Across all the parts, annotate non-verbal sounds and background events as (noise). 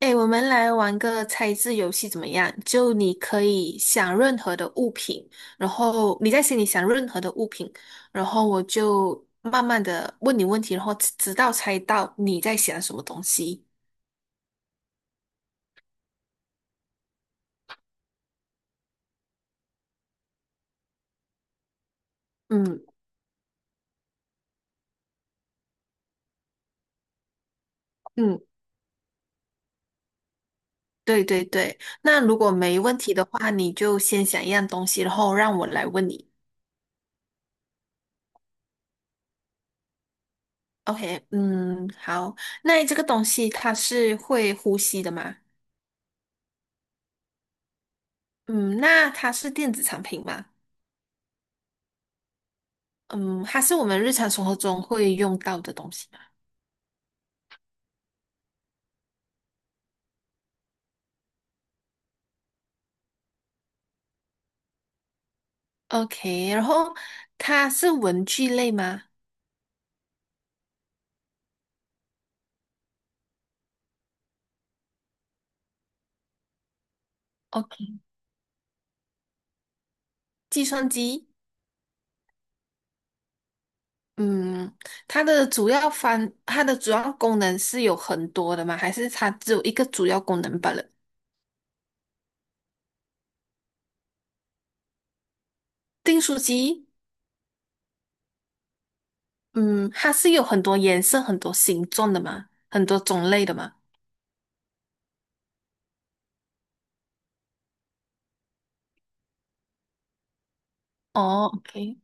哎，我们来玩个猜字游戏怎么样？就你可以想任何的物品，然后你在心里想任何的物品，然后我就慢慢的问你问题，然后直到猜到你在想什么东西。嗯嗯，对对对。那如果没问题的话，你就先想一样东西，然后让我来问你。OK，嗯，好。那这个东西它是会呼吸的吗？嗯，那它是电子产品吗？嗯，它是我们日常生活中会用到的东西嘛。OK，然后它是文具类吗？OK，计算机，嗯，它的主要功能是有很多的吗？还是它只有一个主要功能罢了？订书机，嗯，它是有很多颜色、很多形状的嘛，很多种类的嘛。哦，OK，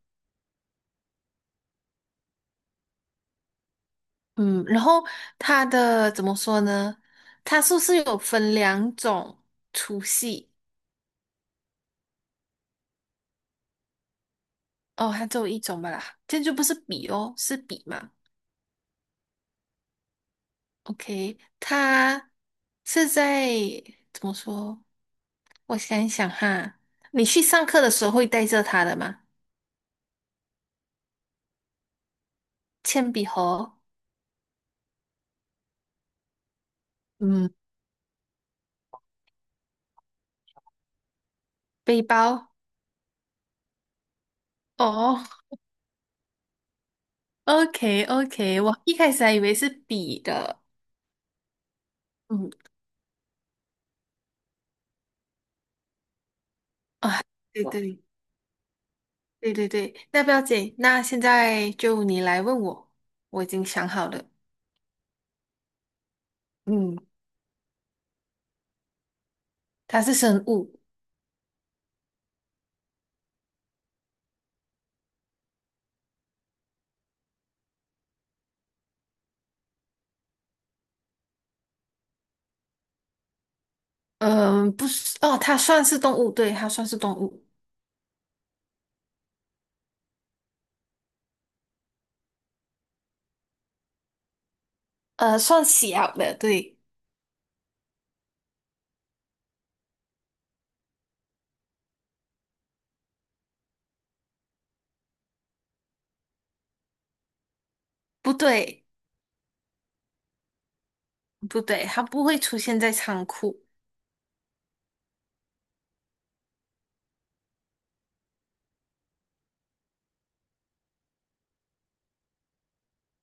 嗯，然后它的怎么说呢？它是不是有分两种粗细？哦，它只有一种吧啦，这样就不是笔哦，是笔嘛？OK，它是在怎么说？我想一想哈，你去上课的时候会带着它的吗？铅笔盒，嗯，背包。哦，OK OK，我一开始还以为是笔的。嗯，对对对对对，那不要紧，那现在就你来问我，我已经想好了。嗯，它是生物，嗯，不是，哦，它算是动物，对，它算是动物。算小的，对，不对，不对，它不会出现在仓库，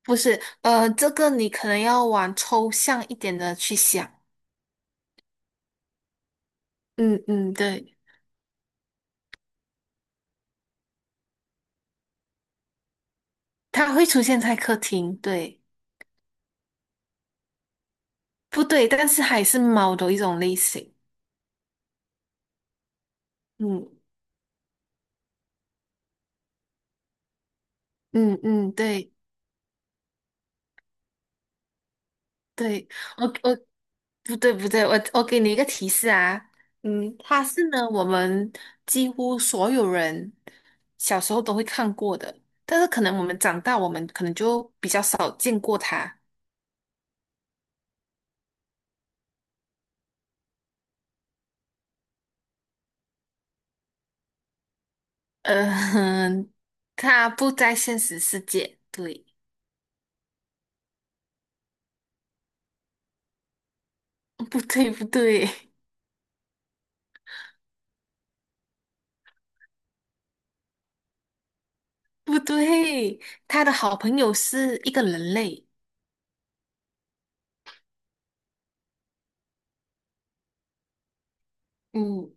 不是，这个你可能要往抽象一点的去想，嗯嗯，对，它会出现在客厅，对，不对，但是还是猫的一种类型，嗯嗯嗯，对。对，我不对不对，我给你一个提示啊，嗯，他是呢我们几乎所有人小时候都会看过的，但是可能我们长大，我们可能就比较少见过它。呃，(laughs) 他不在现实世界，对，不对不对不对，他的好朋友是一个人类，嗯，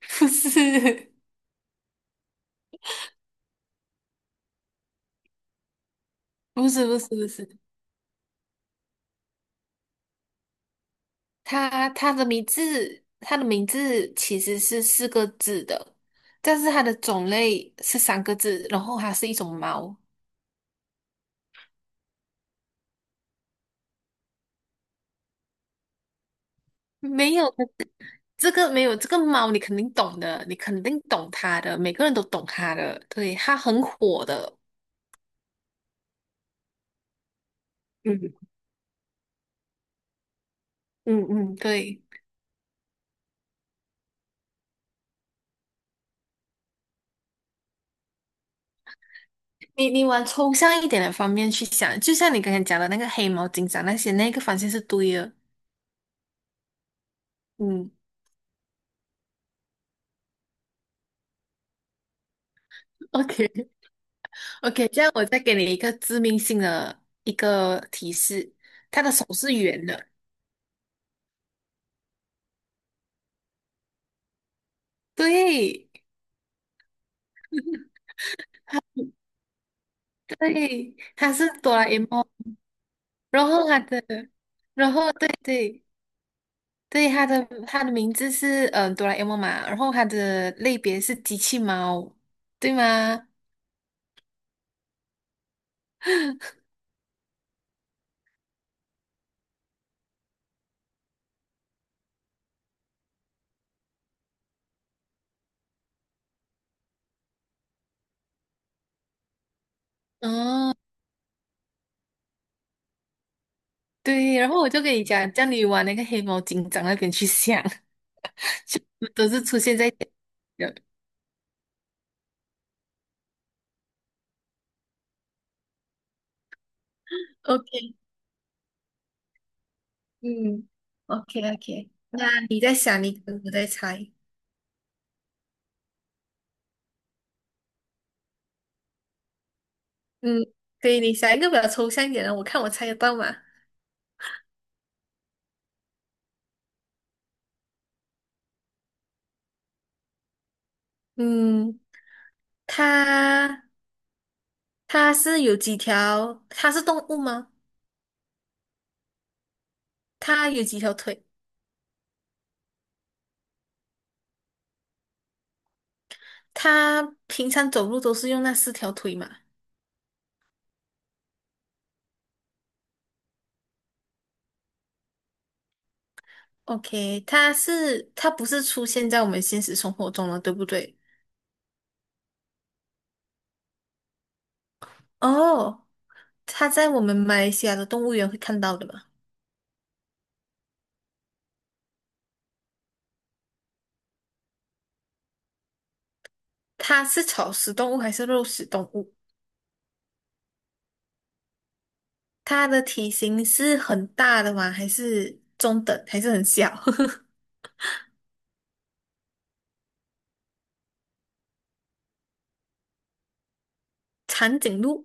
不是 (laughs) 不是不是不是，他的名字，他的名字其实是四个字的，但是它的种类是三个字，然后它是一种猫。没有没有这个猫，你肯定懂的，你肯定懂它的，每个人都懂它的，对，它很火的。嗯嗯嗯，对，你往抽象一点的方面去想，就像你刚才讲的那个黑猫警长那些，那个方向是对的。嗯，OK，OK，这样我再给你一个致命性的一个提示，他的手是圆的，对对，他是哆啦 A 梦，然后他的，然后对对对，他的名字是哆啦 A 梦嘛，然后他的类别是机器猫，对吗？嗯，对，然后我就跟你讲，叫你往那个黑猫警长那边去想，(laughs) 就都是出现在人 OK，嗯，OK OK，那你在想，你我在猜。嗯，对，你想一个比较抽象一点的，我看我猜得到吗？嗯，它它是有几条？它是动物吗？它有几条腿？它平常走路都是用那四条腿嘛？OK，它不是出现在我们现实生活中了，对不对？哦，它在我们马来西亚的动物园会看到的嘛？它是草食动物还是肉食动物？它的体型是很大的吗？还是中等？还是很小？(laughs) 长颈鹿？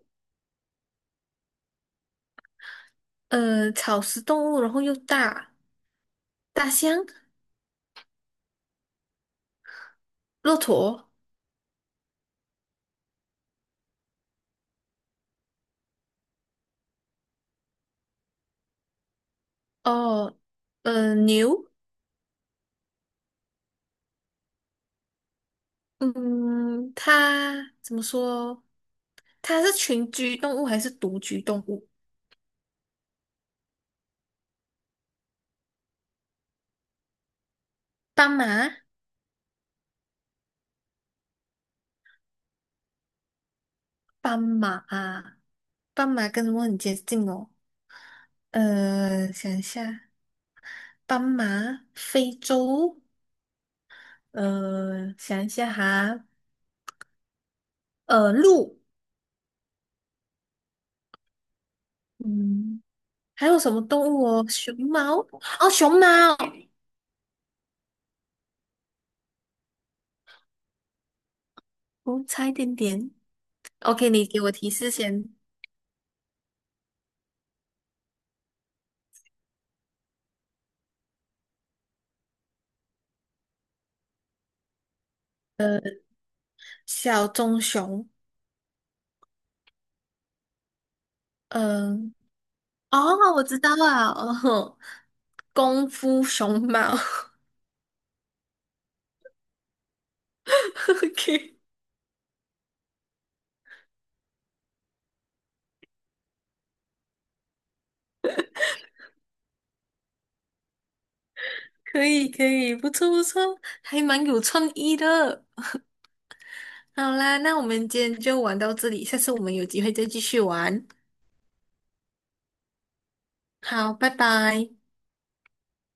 草食动物，然后又大，大象、骆驼，哦，牛，嗯，它怎么说？它是群居动物还是独居动物？斑马，斑马啊，斑马跟什么很接近哦？想一下，斑马，非洲，想一下哈，鹿，嗯，还有什么动物哦？熊猫，哦，熊猫。哦，差一点点。OK，你给我提示先。小棕熊，嗯、哦，我知道了，哦，功夫熊猫。(laughs) OK，可以可以，不错不错，还蛮有创意的。(laughs) 好啦，那我们今天就玩到这里，下次我们有机会再继续玩。好，拜拜。